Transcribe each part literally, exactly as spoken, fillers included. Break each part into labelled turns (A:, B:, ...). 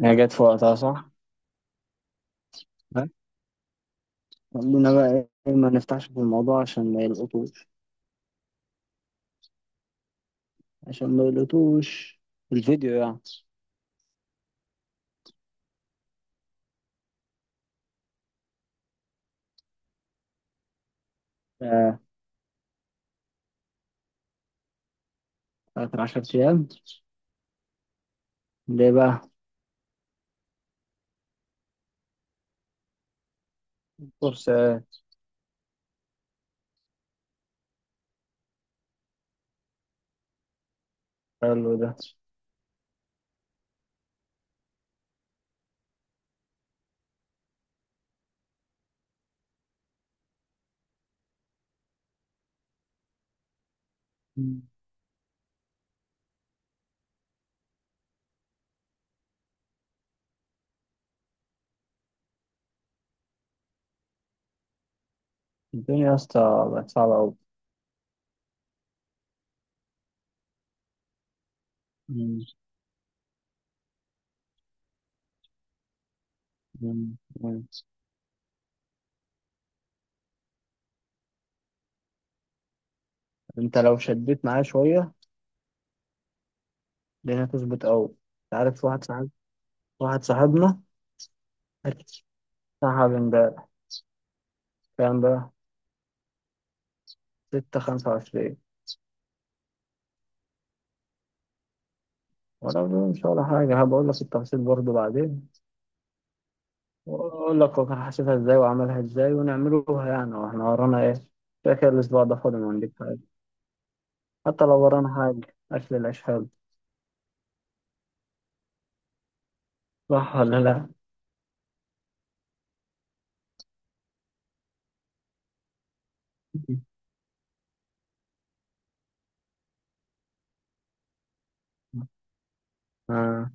A: هي جت في وقتها صح؟ ها؟ خلونا بقى. ايه، ما نفتحش في الموضوع عشان ما يلقطوش، عشان ما يلقطوش الفيديو يعني. آه، آخر عشر أيام. ليه بقى؟ كورسات. حلو ده. مم. الدنيا يا اسطى بقت صعبة أوي. مم. مم. مم. أنت لو شديت معاه شوية الدنيا هتظبط أوي. أنت عارف واحد صاحب واحد صاحبنا سحب امبارح. كام بقى؟ ستة خمسة وعشرين. ولا مش ولا حاجة، هبقول لك التفاصيل برضه بعدين واقول لك هو كان حاسبها ازاي وعملها ازاي ونعملوها يعني واحنا ورانا ايه. كده كده الاسبوع ده فاضي، ما عندك حاجه. حتى لو ورانا حاجه، اكل العيش حلو. صح ولا لا؟ آه.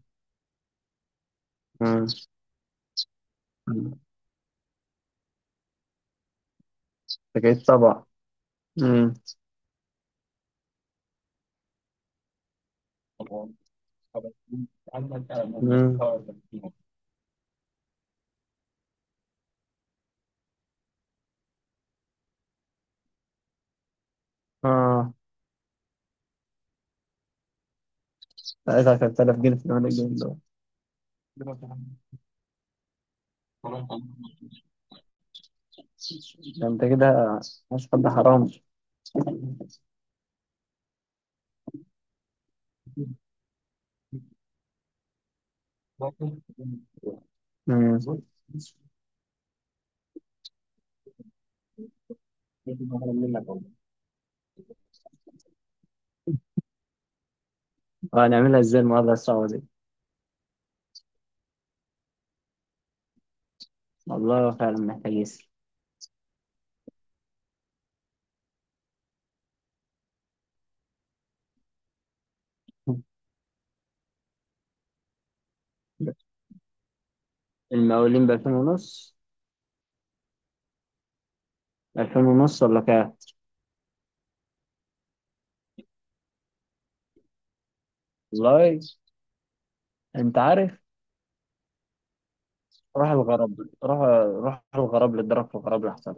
A: آه. أكيد طبعا. مم. مم. اه، ساعتها كانت ثلاث آلاف جنيه في اليوم، الجنيه دول. ده انت كده مش حد حرام. مم. هنعملها ازاي المعادلة الصعبة دي؟ والله فعلا محتاج يسر. المقاولين بألفين ونص؟ ألفين ونص ولا كام؟ والله. انت عارف، راح الغرب راح. راح الغرب اتضرب في الغرب احسن.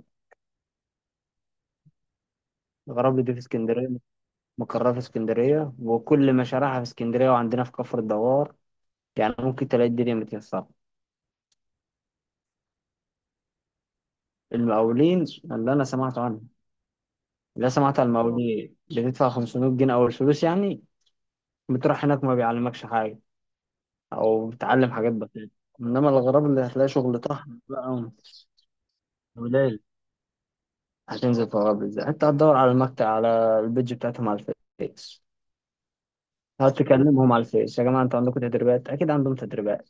A: الغرب دي في اسكندريه، مقرها في اسكندريه وكل مشاريعها في اسكندريه وعندنا في كفر الدوار، يعني ممكن تلاقي الدنيا متيسره. المقاولين اللي انا سمعت عنه، اللي سمعت عن المقاولين بتدفع خمسمائة جنيه اول فلوس يعني، بتروح هناك ما بيعلمكش حاجه او بتتعلم حاجات بسيطه. انما الغرب اللي هتلاقي شغل طحن بقى. قليل. هتنزل في الغرب ازاي؟ انت هتدور على المكتب، على البيج بتاعتهم، على الفيس. هتقعد تكلمهم على الفيس: يا جماعه انتوا عندكم تدريبات؟ اكيد عندهم تدريبات.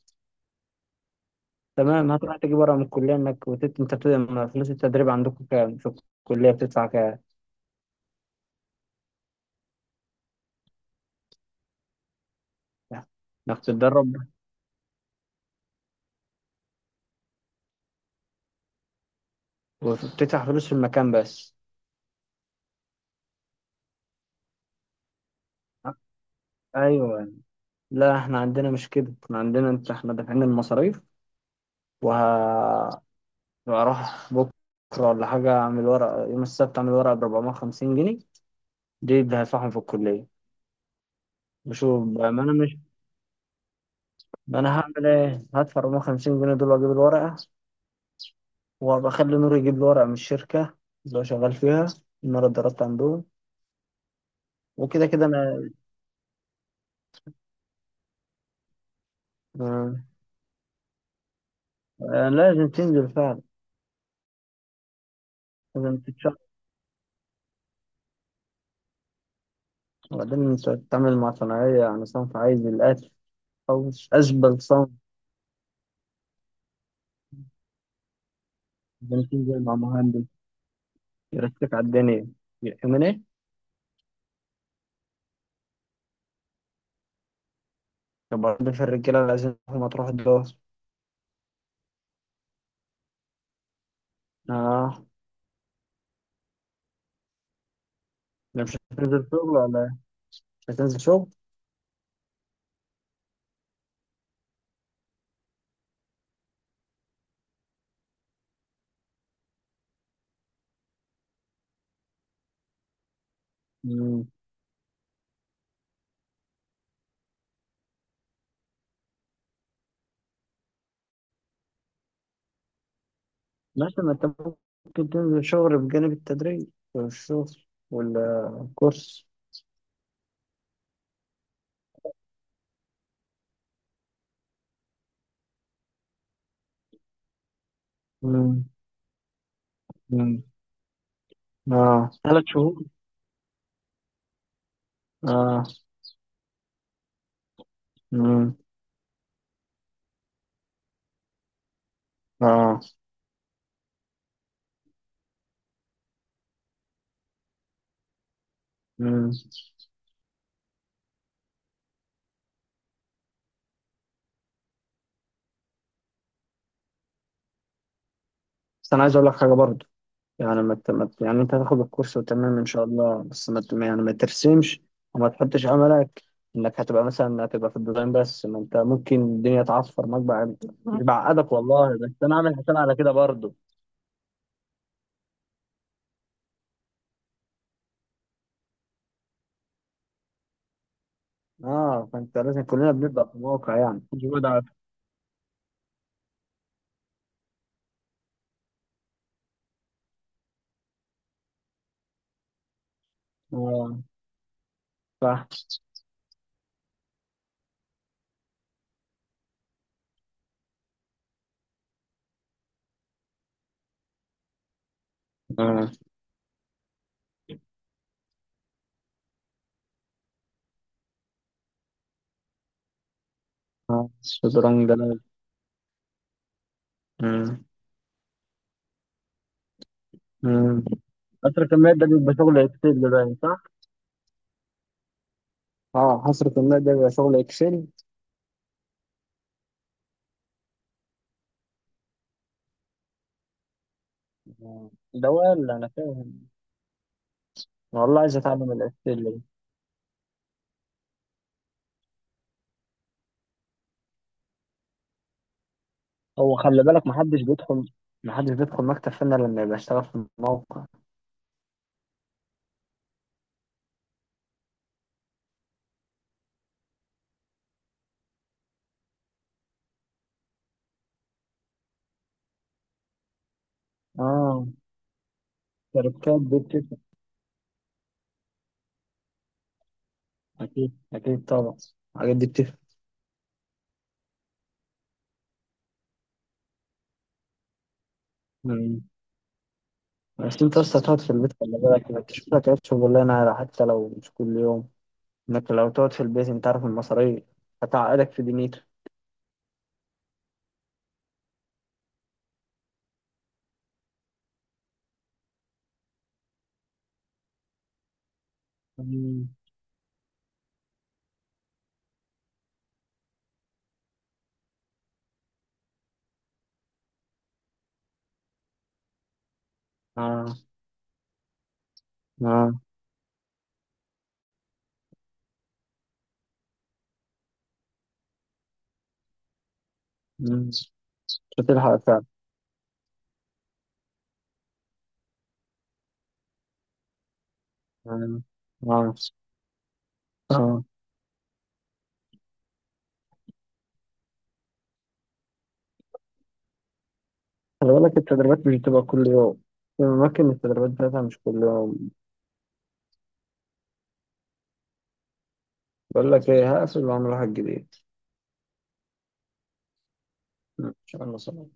A: تمام، هتروح تجيب ورقه من الكليه انك وتت... انت بت... ما فلوس التدريب عندكم كام؟ في الكليه بتدفع كام؟ انك تتدرب وبتدفع فلوس في المكان بس. ايوه. لا احنا عندنا مش كده، احنا عندنا انت احنا دافعين المصاريف. وهروح بكره ولا حاجه اعمل ورقه، يوم السبت اعمل ورقه ب أربعمائة وخمسين جنيه، دي اللي هدفعهم في الكليه. بشوف بقى، ما انا مش، ما انا هعمل ايه؟ هدفع أربعمائة وخمسين جنيه دول واجيب الورقه وبخلي نور يجيب لي ورقة من الشركة اللي هو شغال فيها، إن أنا اتدربت عندهم. وكده كده أنا، آه، آه، لازم تنزل فعلا. لازم تتشرف. وبعدين أنت بتتعامل مع صناعية، يعني صنف عايز الأكل أو أشبه صنف. لازم تنزل مع مهندس يرتب على الدنيا، يأمن. برضه في الرجالة لازم ما تروح الدور. آه. لا مش هتنزل شغل ولا إيه؟ مش هتنزل شغل. مم. ماشي، ما أنت ممكن تنزل شغل بجانب التدريب والشغل والكورس. مم. اه ثلاث شهور. اه. مم. اه. مم. بس انا عايز اقول لك حاجه برضه، يعني ما ت- ما ت- يعني انت هتاخد الكورس وتمام ان شاء الله، بس ما ت- يعني ما ترسمش وما تحطش املك انك هتبقى مثلا هتبقى في الديزاين بس، ما انت ممكن الدنيا تعصفر معاك بعد. مش بعقدك والله، بس انا عامل حساب على كده برضه. اه، فانت لازم، كلنا بنبدا في الواقع يعني مجهود، عارف. اه. صح. اه. اه شطرنج ده. مم. حسرة الماء ده بيبقى شغل اكسل باين، صح؟ اه، حصرة الماء ده بيبقى شغل اكسل. آه. ده ولا انا فاهم. والله عايز اتعلم الاكسل ده. هو خلي بالك، محدش بيدخل، محدش بيدخل مكتب فني إلا لما يبقى اشتغل في الموقع. اه. شركات دي بتفهم. اكيد اكيد طبعا. الحاجات دي بتفرق. مم. بس انت اصلا تقعد في البيت، خلي بالك انك تشوف لك عيش شغلانه، على حتى لو مش كل يوم، انك لو تقعد في البيت انت عارف المصاريف هتعقدك في دنيتك. مم. اه. اه. مم. مش هتلحق فعلا. يعني مع نفسك. اه، خلي بالك التدريبات مش بتبقى كل يوم، في أماكن التدريبات بتاعتها مش كل يوم. بقول لك إيه، هقفل وأعمل واحد جديد. إن شاء الله، سلام.